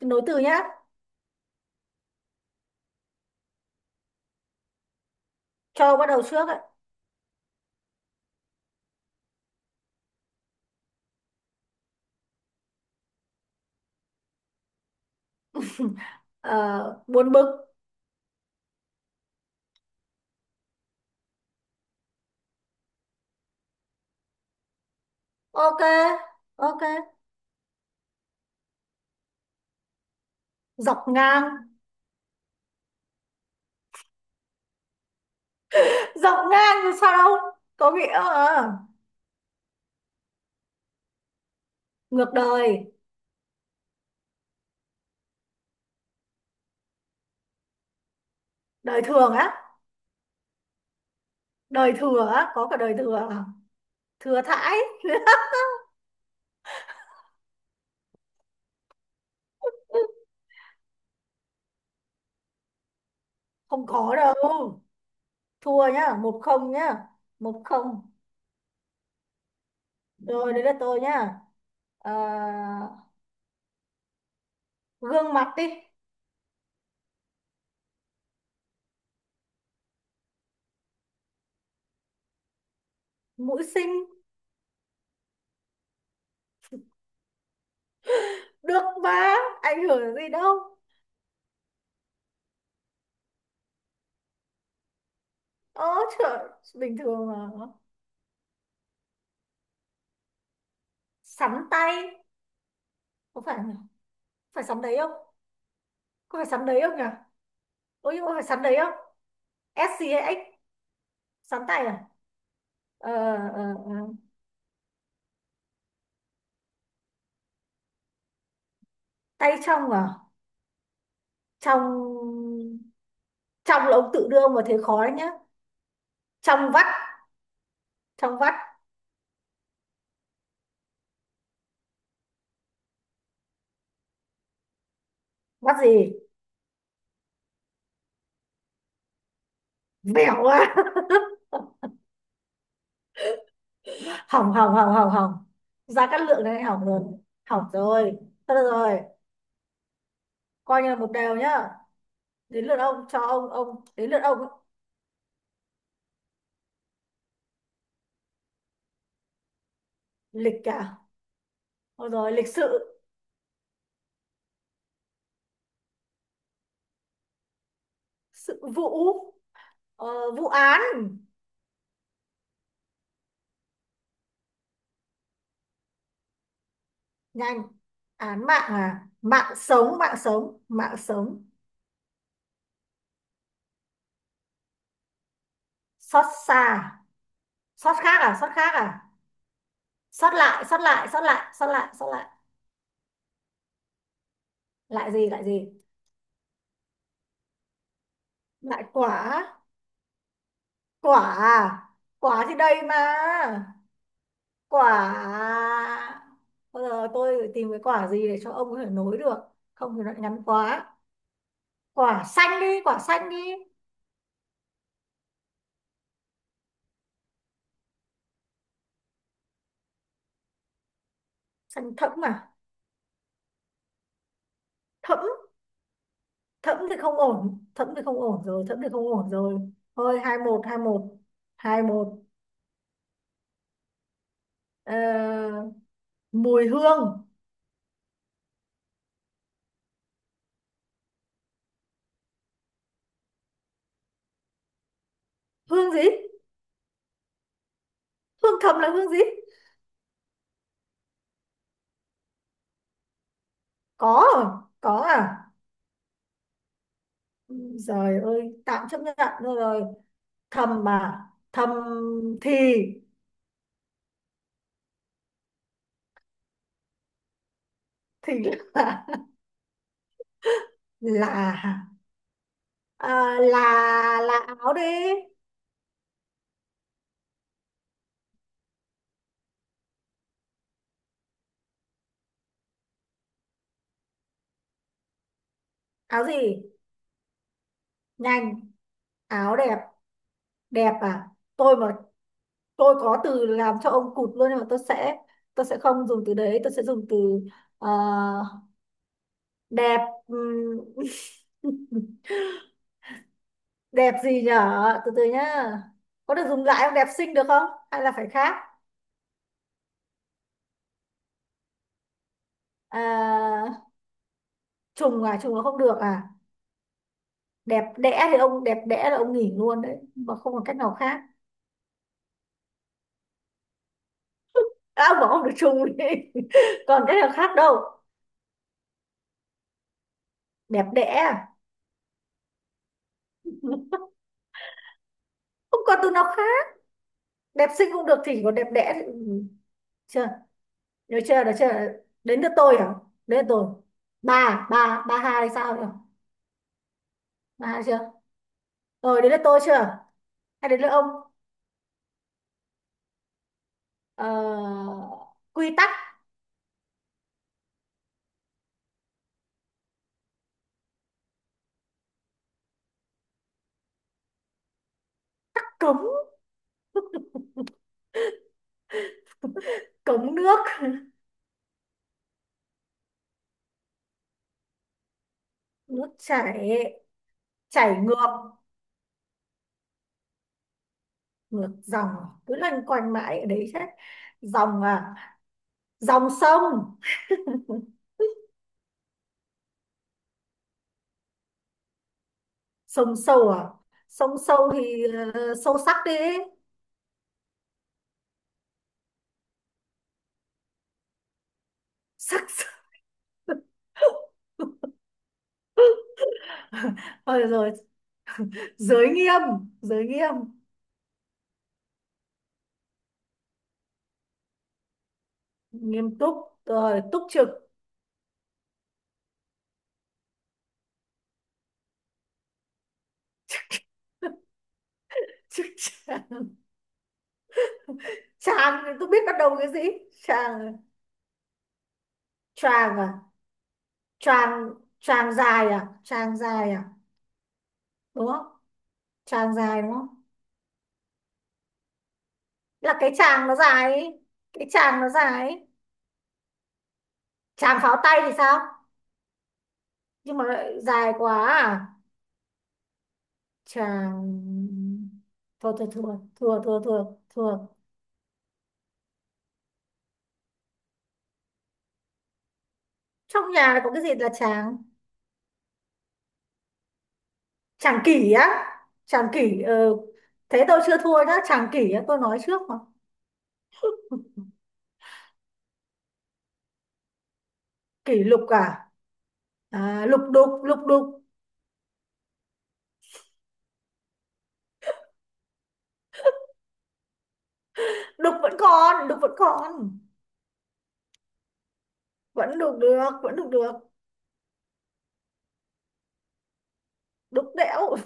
Nối từ nhá. Cho bắt đầu trước ạ. Ờ, Buồn bực. Ok, ok, dọc ngang. Dọc ngang thì sao đâu, có nghĩa ờ, Ngược đời. Đời thường á? Đời thừa á, có cả đời thừa. Thừa thãi. Không có đâu. Thua nhá, một không nhá. Một không, rồi đấy là tôi nhá. Ờ, Gương mặt đi. Mũi xinh, được mà, ảnh hưởng gì đâu. Ơ, trời, bình thường mà. Sắn tay, có phải không? Phải sóng đấy không? Có phải sóng đấy không nhỉ? Ôi, nhưng mà phải sóng đấy không? Ét xê hay X? Sóng tay à? ờ, ờ, ờ. Tay trong à? Trong trong là ông tự đưa ông vào thế khó đấy nhá. Trong vắt, trong vắt. Vắt gì? Bẻo quá. Hỏng, hỏng, hỏng, hỏng, hỏng, ra cát lượng này hỏng rồi, hỏng rồi. Thôi được rồi, coi như là một đều nhá. Đến lượt ông, cho ông đến lượt ông. Lịch cả, rồi lịch sự. Sự vụ. Vụ án. Nhanh. Án mạng à? Mạng sống, mạng sống, mạng sống. Xót xa. Xót khác à? Xót khác à? Xót lại, xót lại, xót lại, xót lại, xót lại. Lại gì? Lại gì? Lại quả. Quả à? Quả thì đây mà. Quả à? Bây giờ tôi phải tìm cái quả gì để cho ông có thể nối được, không thì nó lại ngắn quá. Quả xanh đi, quả xanh đi. Xanh thẫm à? Thẫm. Thẫm thì không ổn, thẫm thì không ổn rồi, thẫm thì không ổn rồi. Thôi, hai một, hai một, hai một. Ờ, Mùi hương. Hương gì? Hương thầm là hương gì? Có rồi, có à? Trời ơi, tạm chấp nhận thôi rồi. Thầm mà, thầm. Thì thì. là là. À, là áo đi. Áo gì? Nhanh. Áo đẹp. Đẹp à? Tôi mà, tôi có từ làm cho ông cụt luôn, nhưng mà tôi sẽ không dùng từ đấy, tôi sẽ dùng từ ờ, Đẹp. ừm, Đẹp gì nhở? Từ từ nhá. Có được dùng lại không? Đẹp xinh được không, hay là phải khác? À, trùng à? Trùng là không được à? Đẹp đẽ thì ông, đẹp đẽ là ông nghỉ luôn đấy mà, không còn cách nào khác. À, ông bảo ông được trùng đi. Còn cách nào khác đâu. Đẹp đẽ à? Không còn từ nào khác. Đẹp xinh cũng được thì còn đẹp đẽ thì- chưa. Được chưa? Được chưa? Đến lượt tôi hả? Đến lượt tôi. Ba ba, ba hai, sao nhỉ? Ba hai chưa rồi? Đến lượt tôi chưa, hay đến lượt ông? ờ, Quy tắc. Cống. Cống nước. Nước chảy. Chảy ngược. Ngược dòng, cứ loanh quanh mãi ở đấy chết. Dòng à? Dòng sông. Sông sâu à? Sông sâu thì. Sâu sắc đi. Sắc. Rồi, rồi, giới nghiêm, giới nghiêm. Nghiêm túc. Rồi túc trực. Tràng. Tràng thì tôi biết bắt đầu cái gì? Tràng, Tràng à, Tràng. Tràng dài à? Tràng dài à? Đúng không? Tràng dài đúng không? Là cái tràng nó dài ấy. Cái tràng nó dài ấy. Tràng pháo tay thì sao? Nhưng mà lại dài quá à? Tràng. Thôi thôi, thua, thua, thua, thua, thua. Trong nhà này có cái gì là tràng? Tràng kỷ á. Tràng kỷ ờ Thế tôi chưa thua nhá, tràng kỷ á, tôi nói trước mà. Kỷ lục à? À, lục đục, lục đục. Đục vẫn còn, đục vẫn còn. Vẫn đục được, vẫn đục được. Đục đẽo.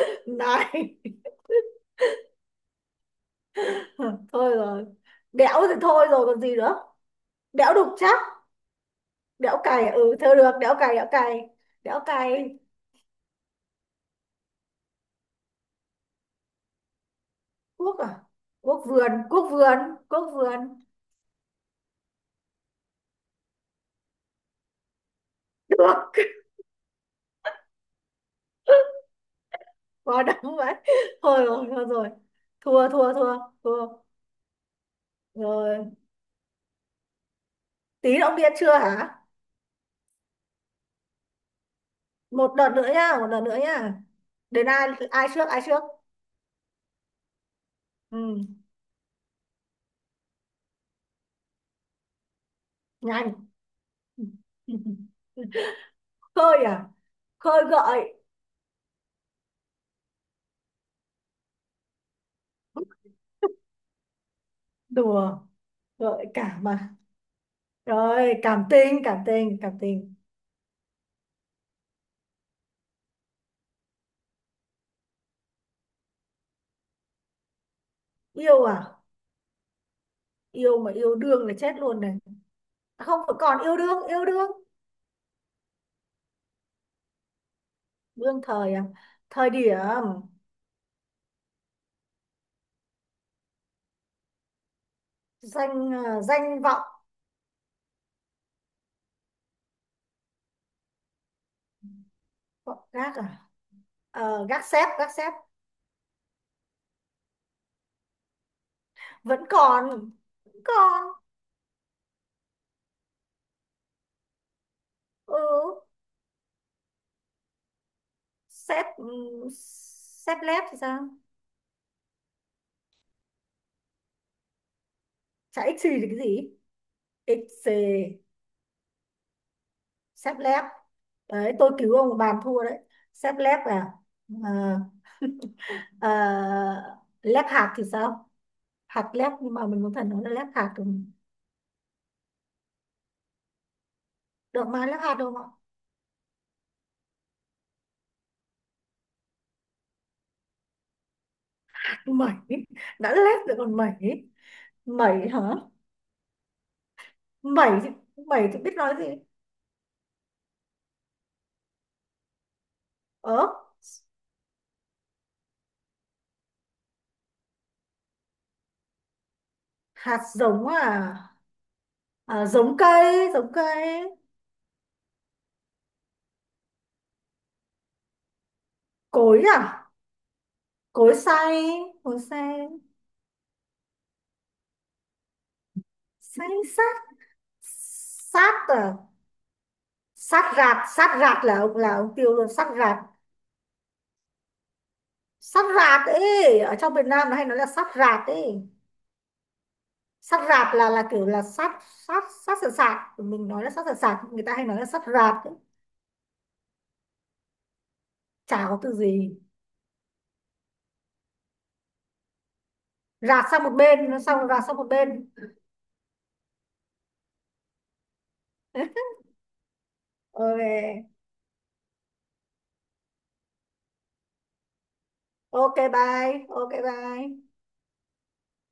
Này, thôi rồi. Đẽo thì thôi rồi, còn gì nữa. Đẽo đục chắc. Đẽo cày à? Ừ, thôi được, đẽo cày, đẽo cày, đẽo cày. Cuốc à? Cuốc vườn, cuốc vườn, cuốc vườn được. Quá đáng vậy. Thôi rồi, thôi rồi. Thua, thua, thua, thua rồi. Tí động viên chưa hả? Một đợt nữa nhá, một đợt nữa nhá. Đến ai, ai trước, ai trước? Ừ, nhanh. Hơi à? Khơi gợi. Đùa, gợi cảm mà. Rồi cảm tình, cảm tình, cảm tình. Yêu à? Yêu mà, yêu đương là chết luôn này. À, không, còn yêu đương, yêu đương. Đương thời à? Thời điểm. Danh à, danh vọng. Gác à? Gác xép, gác xép. Vẫn còn, vẫn còn. Ừ, xép, ừ, xép lép thì sao? Chả ích gì thì cái gì? Ích gì. Xép lép, đấy tôi cứu ông bàn thua đấy. Xép lép à? Ờ, Ờ, Lép hạt thì sao? Hạt lép, nhưng mà mình muốn phải nói là lép hạt được, được mà, lép hạt được không ạ? À, mẩy, đã lép rồi còn mẩy. Mẩy hả? Mẩy thì- mẩy thì biết nói gì. Ớ, hạt giống à, giống cây, giống cây. Cối à? Cối xay, cối xay. Xay sát. Sát à? Sát rạt, sát rạt là ông, là ông tiêu luôn, sát rạt. Sát rạt ấy, ở trong Việt Nam nó hay nói là sát rạt ấy. Sát rạt là kiểu là sát, sát, sát sạt, sạt, mình nói là sát sạt sạt, người ta hay nói là sát rạt ấy. Chả có từ gì. Rạt sang một bên nó, xong rạt sang một bên. Ok, ok bye, ok bye.